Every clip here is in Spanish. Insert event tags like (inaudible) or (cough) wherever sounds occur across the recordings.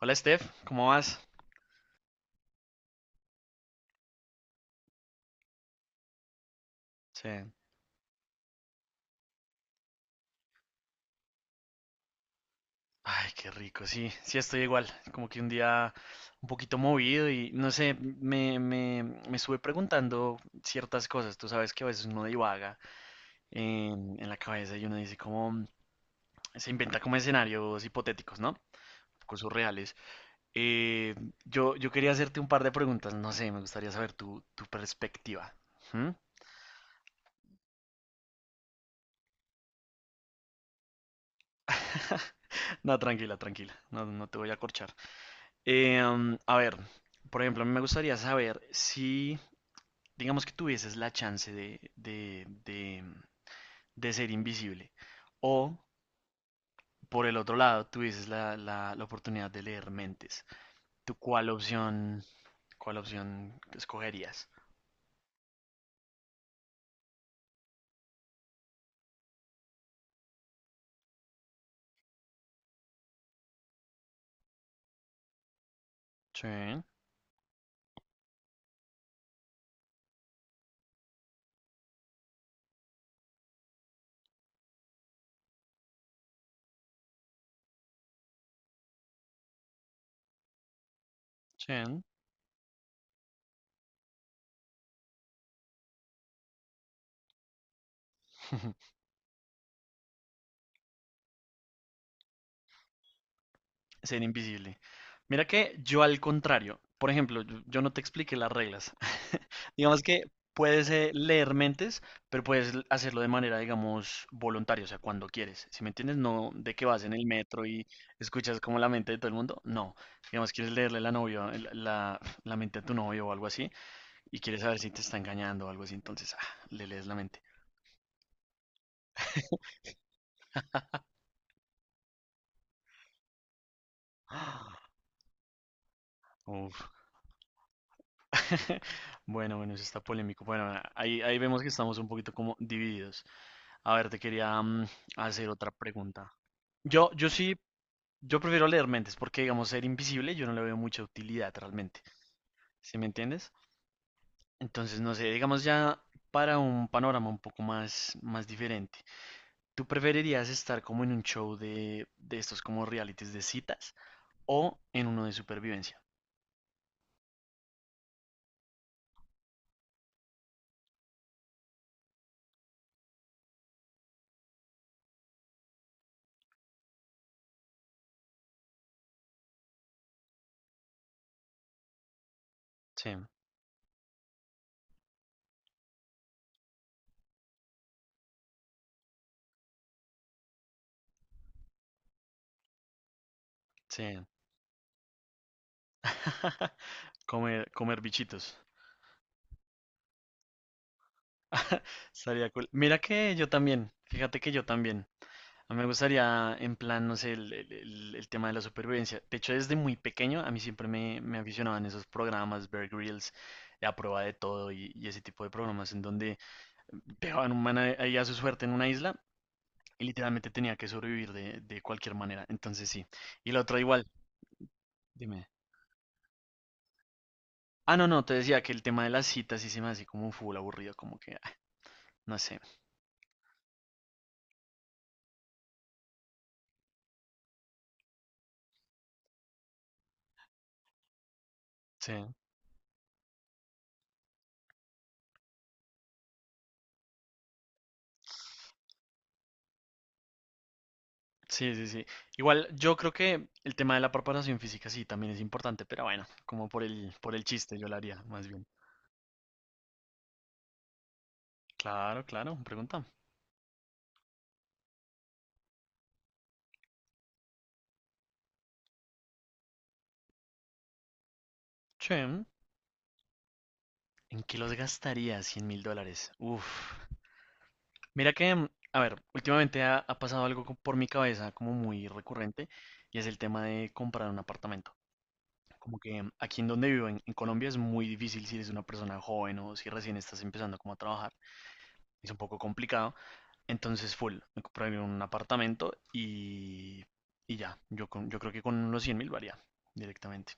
Hola Steph, ¿cómo vas? Sí. Ay, qué rico, sí, sí estoy igual, como que un día un poquito movido y no sé, me estuve preguntando ciertas cosas, tú sabes que a veces uno divaga en la cabeza y uno dice como, se inventa como escenarios hipotéticos, ¿no? Cosas reales. Eh, yo quería hacerte un par de preguntas, no sé, me gustaría saber tu perspectiva. ¿Mm? No, tranquila, tranquila, no, no te voy a corchar. A ver, por ejemplo, a mí me gustaría saber si, digamos que tuvieses la chance de ser invisible o, por el otro lado, tuvieses la oportunidad de leer mentes. ¿Tú cuál opción escogerías? Sí, sí. (laughs) Ser invisible. Mira que yo al contrario, por ejemplo, yo no te expliqué las reglas. (laughs) Digamos que puedes leer mentes, pero puedes hacerlo de manera, digamos, voluntaria, o sea, cuando quieres. Si me entiendes, no de que vas en el metro y escuchas como la mente de todo el mundo. No, digamos, quieres leerle la novia, la mente a tu novio o algo así, y quieres saber si te está engañando o algo así, entonces ah, le lees la mente. (gasps) (laughs) Bueno, bueno, eso está polémico. Bueno, ahí vemos que estamos un poquito como divididos. A ver, te quería hacer otra pregunta. Yo sí, yo prefiero leer mentes porque, digamos, ser invisible yo no le veo mucha utilidad realmente. ¿Sí me entiendes? Entonces, no sé, digamos ya para un panorama un poco más diferente. ¿Tú preferirías estar como en un show de estos como realities de citas o en uno de supervivencia? Sí, sí. (laughs) Comer, comer bichitos. (laughs) Estaría cool. Mira que yo también, fíjate que yo también. A mí me gustaría, en plan, no sé, el tema de la supervivencia. De hecho, desde muy pequeño a mí siempre me aficionaban esos programas, Bear Grylls, de A Prueba de Todo y ese tipo de programas en donde dejaban un man ahí a su suerte en una isla y literalmente tenía que sobrevivir de cualquier manera. Entonces sí. Y la otra igual, dime. Ah, no, no, te decía que el tema de las citas sí se me hace como full aburrido, como que, ah, no sé. Sí. Sí, sí, sí. Igual, yo creo que el tema de la preparación física sí también es importante, pero bueno, como por el chiste yo lo haría, más bien. Claro, claro, pregunta. Che. ¿En qué los gastaría 100 mil dólares? Uf. Mira que, a ver, últimamente ha, ha pasado algo por mi cabeza como muy recurrente y es el tema de comprar un apartamento. Como que aquí en donde vivo, en Colombia, es muy difícil si eres una persona joven o si recién estás empezando como a trabajar. Es un poco complicado. Entonces, full, me compré un apartamento y ya. Yo creo que con unos 100 mil varía directamente.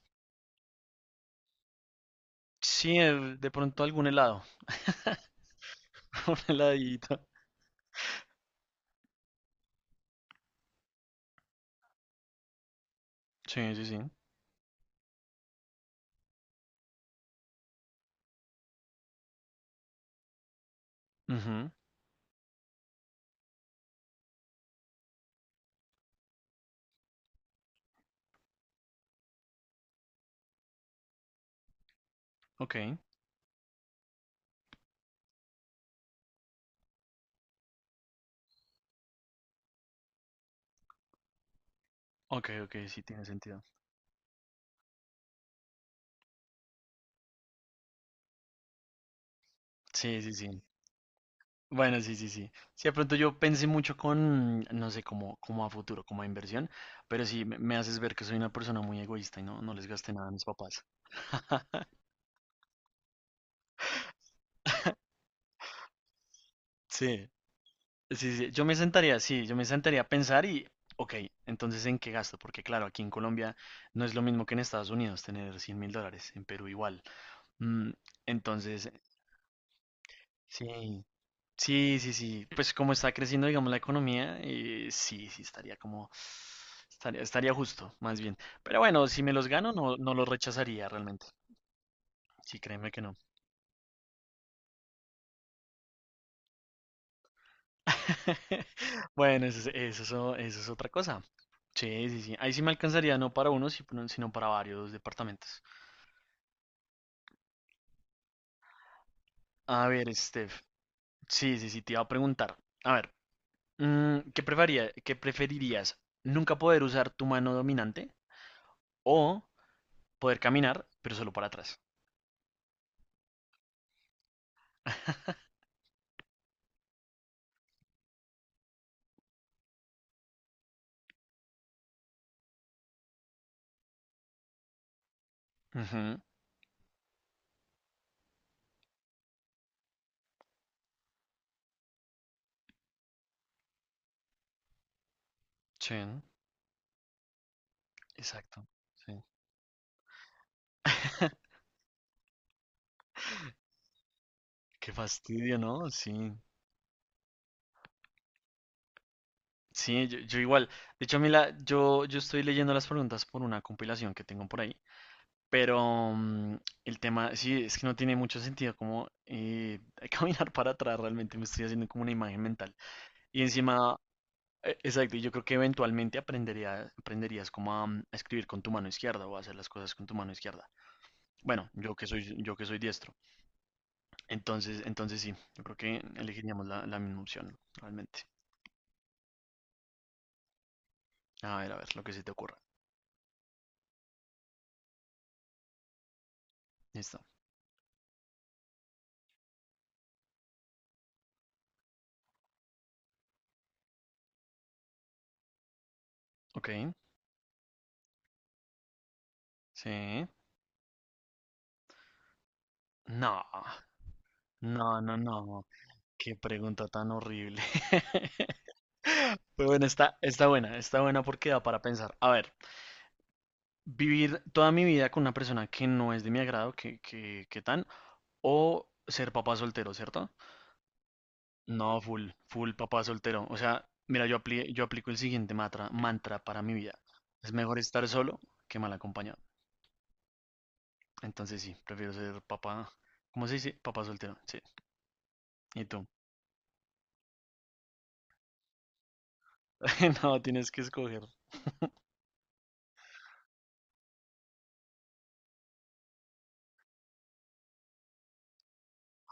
Sí, de pronto algún helado. (laughs) (laughs) Una heladita. Sí, sí, sí. Ujú. Ok, ok, ok, sí tiene sentido. Sí, sí, sí. Bueno, sí, sí, sí. Sí, de pronto yo pensé mucho con, no sé, como, como a futuro, como a inversión, pero sí, me haces ver que soy una persona muy egoísta y no, no les gasté nada a mis papás. Sí, sí, sí. Yo me sentaría, sí, yo me sentaría a pensar y, ok, entonces ¿en qué gasto? Porque claro, aquí en Colombia no es lo mismo que en Estados Unidos tener 100 mil dólares, en Perú igual. Mm, entonces, sí, sí, sí, sí. Pues como está creciendo, digamos, la economía, sí, sí, estaría como, estaría, estaría justo, más bien. Pero bueno, si me los gano, no, no los rechazaría realmente. Sí, créeme que no. (laughs) Bueno, eso es otra cosa. Sí, sí, sí. Ahí sí me alcanzaría no para uno, no, sino para varios departamentos. A ver, Steph. Sí, sí, sí, te iba a preguntar. A ver, qué preferirías? ¿Nunca poder usar tu mano dominante o poder caminar, pero solo para atrás? Ujú, sí, exacto. Sí. (laughs) Qué fastidio, ¿no? Sí. Sí, yo igual. De hecho, yo estoy leyendo las preguntas por una compilación que tengo por ahí. Pero el tema, sí, es que no tiene mucho sentido como (laughs) caminar para atrás. Realmente me estoy haciendo como una imagen mental. Y encima, exacto, y yo creo que eventualmente aprenderías como a escribir con tu mano izquierda o a hacer las cosas con tu mano izquierda. Bueno, yo que soy diestro. Entonces, entonces sí, yo creo que elegiríamos la misma opción, realmente. A ver, lo que se te ocurra. Listo. Ok. Sí. No, no, no, no. Qué pregunta tan horrible. (laughs) Pero bueno, está buena porque da para pensar. A ver, vivir toda mi vida con una persona que no es de mi agrado, o ser papá soltero, ¿cierto? No, full, full papá soltero. O sea, mira, yo, yo aplico el siguiente mantra para mi vida. Es mejor estar solo que mal acompañado. Entonces sí, prefiero ser papá. ¿Cómo se dice? Papá soltero. Sí. ¿Y tú? (laughs) No, tienes que escoger.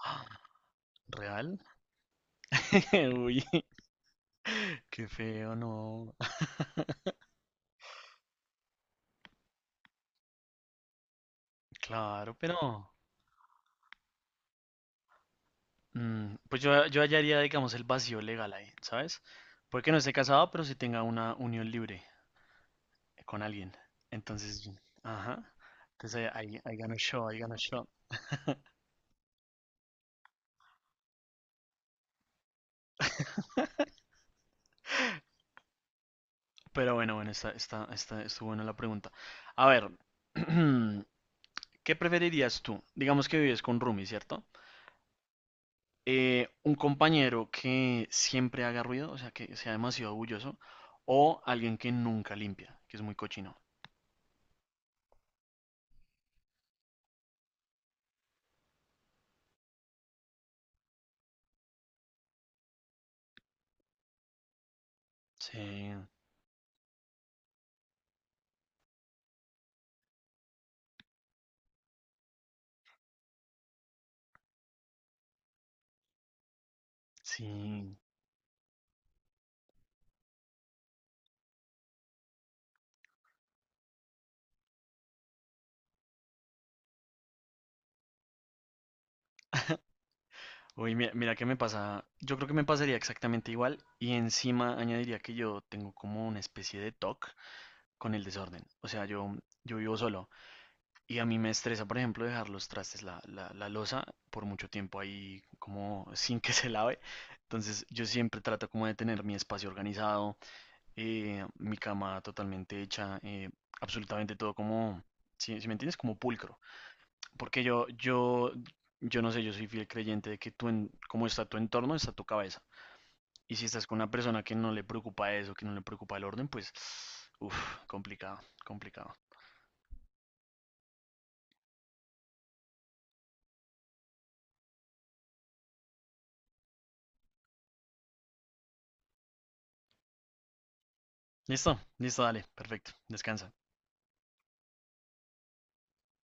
Ah, ¿real? (laughs) Uy, (laughs) qué feo, no. (laughs) Claro, pero pues yo hallaría, digamos, el vacío legal ahí, ¿sabes? Porque no esté casado, pero sí tenga una unión libre con alguien. Entonces, ajá. Entonces ahí, ahí ganó show, ahí ganó show. (laughs) Pero bueno, bueno, estuvo buena la pregunta. A ver, (clears throat) ¿qué preferirías tú? Digamos que vives con Rumi, ¿cierto? Un compañero que siempre haga ruido, o sea, que sea demasiado orgulloso, o alguien que nunca limpia, que es muy cochino. Sí, sí. Uy, mira, mira qué me pasa. Yo creo que me pasaría exactamente igual y encima añadiría que yo tengo como una especie de toque con el desorden. O sea, yo vivo solo y a mí me estresa, por ejemplo, dejar los trastes, la loza por mucho tiempo ahí como (laughs) sin que se lave. Entonces yo siempre trato como de tener mi espacio organizado, mi cama totalmente hecha, absolutamente todo como, si me entiendes, como pulcro. Porque yo no sé, yo soy fiel creyente de que tú, en, como está tu entorno, está tu cabeza. Y si estás con una persona que no le preocupa eso, que no le preocupa el orden, pues, uff, complicado, complicado. Listo, listo, dale, perfecto, descansa.